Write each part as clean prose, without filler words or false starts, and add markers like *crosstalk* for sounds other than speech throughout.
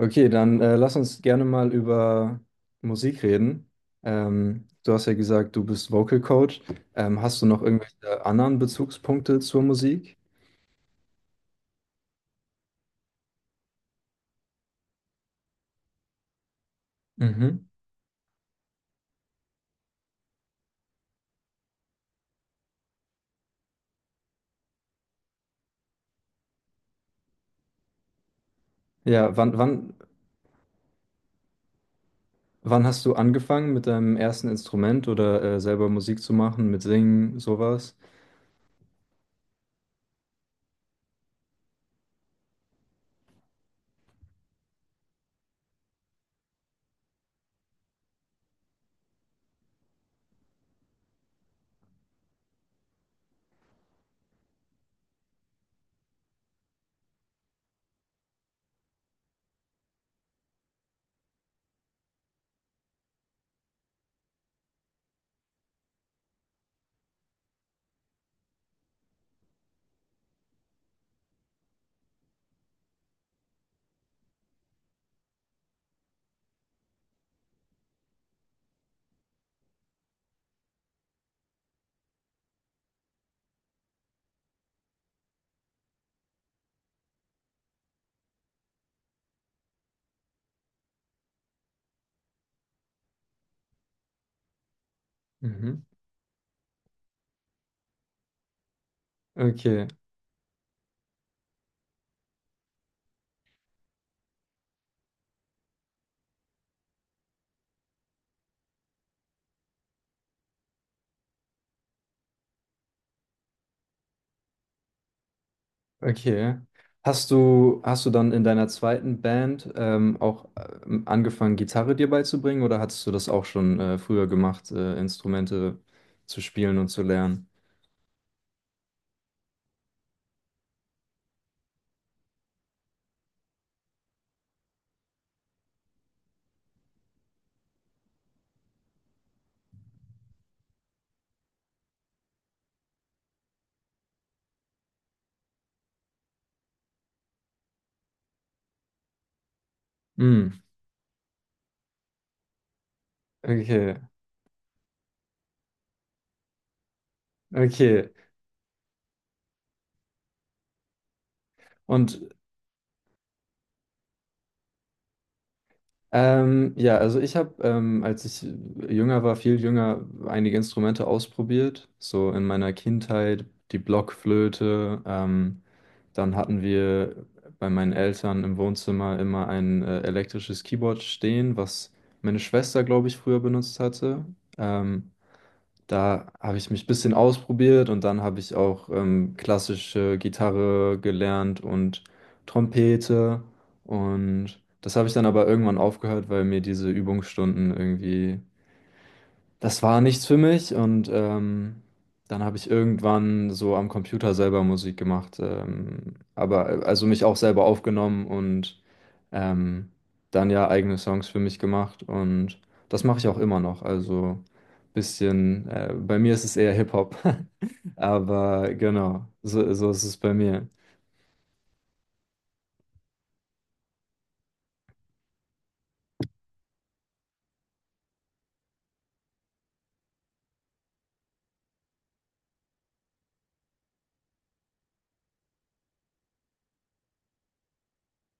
Okay, dann lass uns gerne mal über Musik reden. Du hast ja gesagt, du bist Vocal Coach. Hast du noch irgendwelche anderen Bezugspunkte zur Musik? Mhm. Ja, wann hast du angefangen mit deinem ersten Instrument oder selber Musik zu machen, mit Singen, sowas? Mhm. Okay. Okay. Hast du dann in deiner zweiten Band auch angefangen, Gitarre dir beizubringen oder hattest du das auch schon früher gemacht, Instrumente zu spielen und zu lernen? Hm, okay, okay. Und ja, also ich habe als ich jünger war, viel jünger, einige Instrumente ausprobiert, so in meiner Kindheit, die Blockflöte. Ähm, dann hatten wir bei meinen Eltern im Wohnzimmer immer ein elektrisches Keyboard stehen, was meine Schwester, glaube ich, früher benutzt hatte. Ähm, da habe ich mich ein bisschen ausprobiert und dann habe ich auch klassische Gitarre gelernt und Trompete. Und das habe ich dann aber irgendwann aufgehört, weil mir diese Übungsstunden irgendwie, das war nichts für mich. Und dann habe ich irgendwann so am Computer selber Musik gemacht, aber also mich auch selber aufgenommen und ähm, dann ja eigene Songs für mich gemacht, und das mache ich auch immer noch. Also bisschen, bei mir ist es eher Hip-Hop, *laughs* aber genau, so, so ist es bei mir.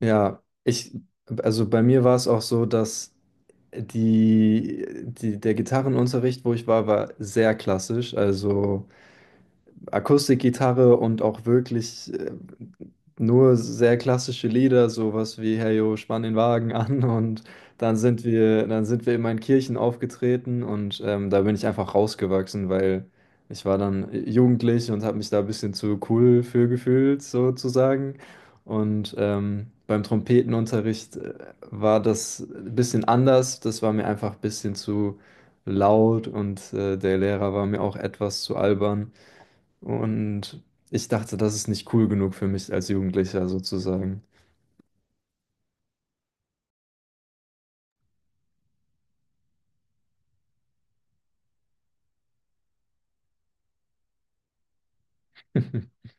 Ja, ich, also bei mir war es auch so, dass der Gitarrenunterricht, wo ich war, war sehr klassisch, also Akustikgitarre und auch wirklich nur sehr klassische Lieder, sowas wie Hey yo, spann den Wagen *laughs* an, und dann sind wir immer in Kirchen aufgetreten. Und da bin ich einfach rausgewachsen, weil ich war dann jugendlich und habe mich da ein bisschen zu cool für gefühlt, sozusagen. Und beim Trompetenunterricht war das ein bisschen anders, das war mir einfach ein bisschen zu laut und der Lehrer war mir auch etwas zu albern. Und ich dachte, das ist nicht cool genug für mich als Jugendlicher, sozusagen. *laughs*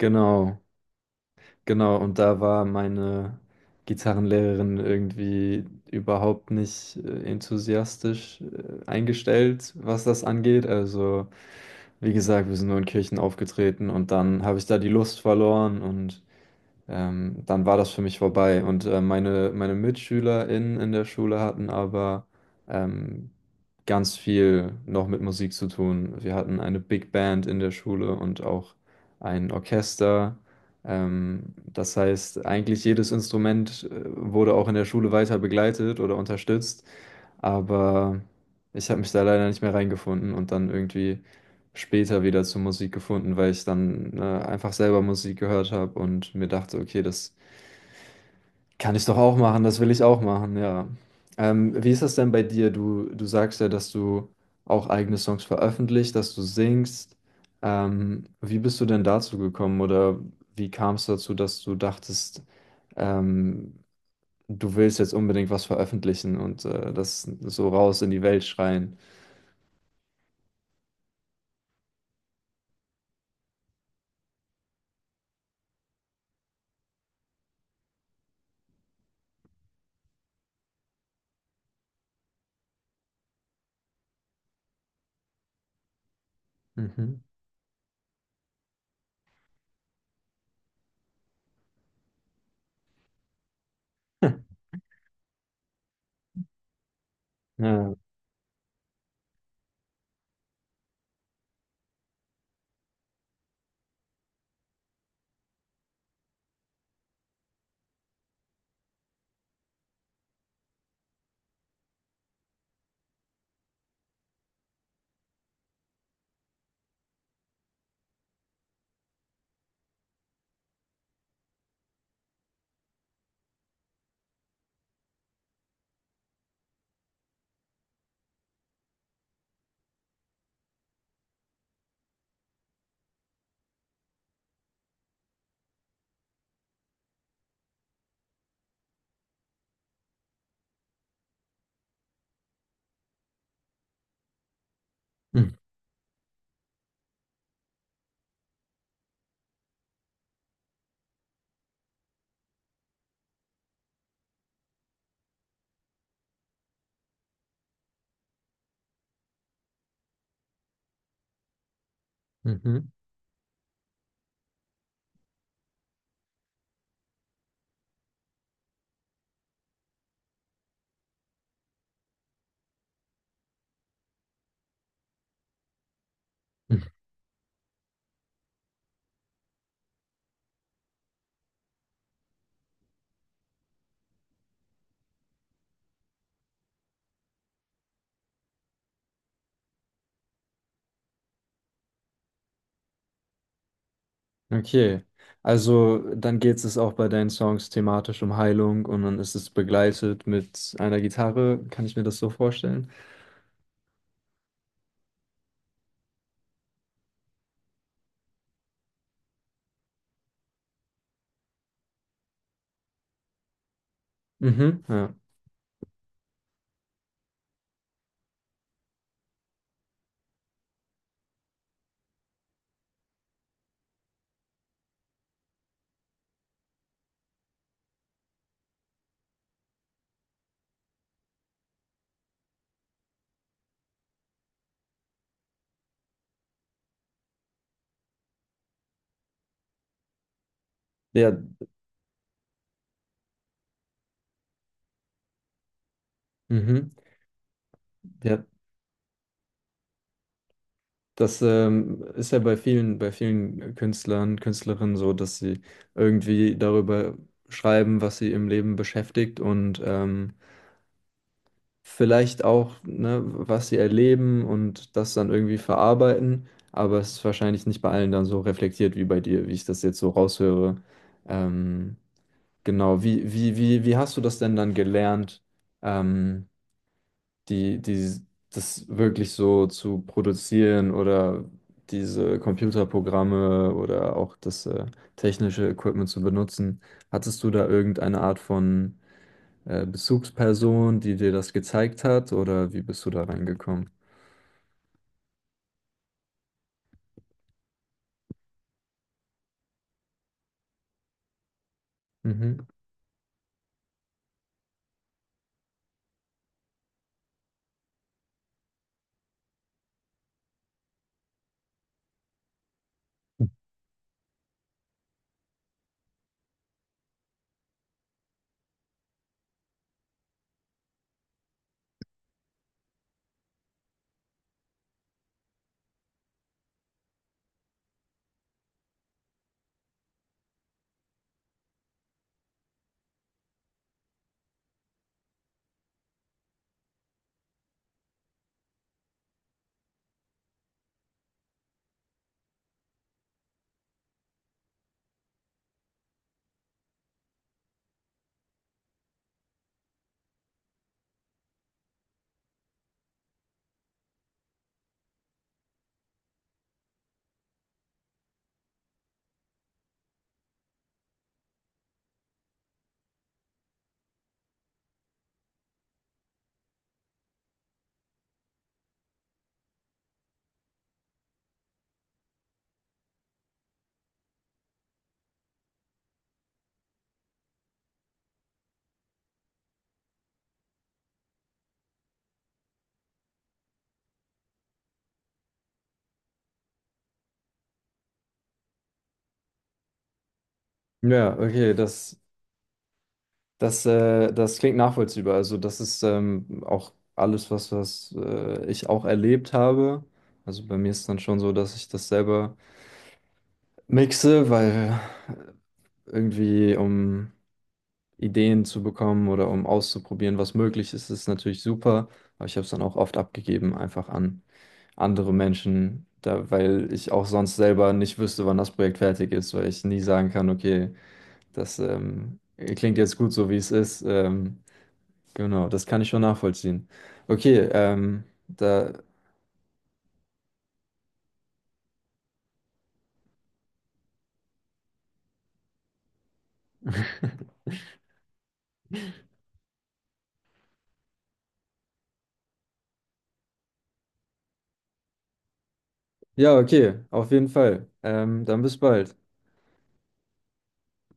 Genau, genau. Und da war meine Gitarrenlehrerin irgendwie überhaupt nicht enthusiastisch eingestellt, was das angeht. Also, wie gesagt, wir sind nur in Kirchen aufgetreten, und dann habe ich da die Lust verloren, und dann war das für mich vorbei. Und meine MitschülerInnen in der Schule hatten aber ähm, ganz viel noch mit Musik zu tun. Wir hatten eine Big Band in der Schule und auch ein Orchester. Das heißt, eigentlich jedes Instrument wurde auch in der Schule weiter begleitet oder unterstützt. Aber ich habe mich da leider nicht mehr reingefunden und dann irgendwie später wieder zur Musik gefunden, weil ich dann einfach selber Musik gehört habe und mir dachte, okay, das kann ich doch auch machen, das will ich auch machen, ja. Wie ist das denn bei dir? Du sagst ja, dass du auch eigene Songs veröffentlicht, dass du singst. Wie bist du denn dazu gekommen, oder wie kam es dazu, dass du dachtest, ähm, du willst jetzt unbedingt was veröffentlichen und das so raus in die Welt schreien. Mhm. *laughs* Hm. Ja. Hm. Mhm. Hm. Okay. Also dann geht es auch bei deinen Songs thematisch um Heilung, und dann ist es begleitet mit einer Gitarre. Kann ich mir das so vorstellen? Mhm. Ja. Ja. Mhm. Ja. Das ist ja bei vielen Künstlern, Künstlerinnen so, dass sie irgendwie darüber schreiben, was sie im Leben beschäftigt, und vielleicht auch, ne, was sie erleben und das dann irgendwie verarbeiten, aber es ist wahrscheinlich nicht bei allen dann so reflektiert wie bei dir, wie ich das jetzt so raushöre. Ähm, genau, wie hast du das denn dann gelernt, ähm, die, die, das wirklich so zu produzieren oder diese Computerprogramme oder auch das technische Equipment zu benutzen? Hattest du da irgendeine Art von Bezugsperson, die dir das gezeigt hat, oder wie bist du da reingekommen? Mhm. Ja, okay, das, das klingt nachvollziehbar. Also das ist auch alles, was, was ich auch erlebt habe. Also bei mir ist dann schon so, dass ich das selber mixe, weil irgendwie um Ideen zu bekommen oder um auszuprobieren, was möglich ist, ist natürlich super. Aber ich habe es dann auch oft abgegeben, einfach an andere Menschen, da, weil ich auch sonst selber nicht wüsste, wann das Projekt fertig ist, weil ich nie sagen kann, okay, das klingt jetzt gut so, wie es ist. Genau, das kann ich schon nachvollziehen. Okay, ja, okay, auf jeden Fall. Dann bis bald.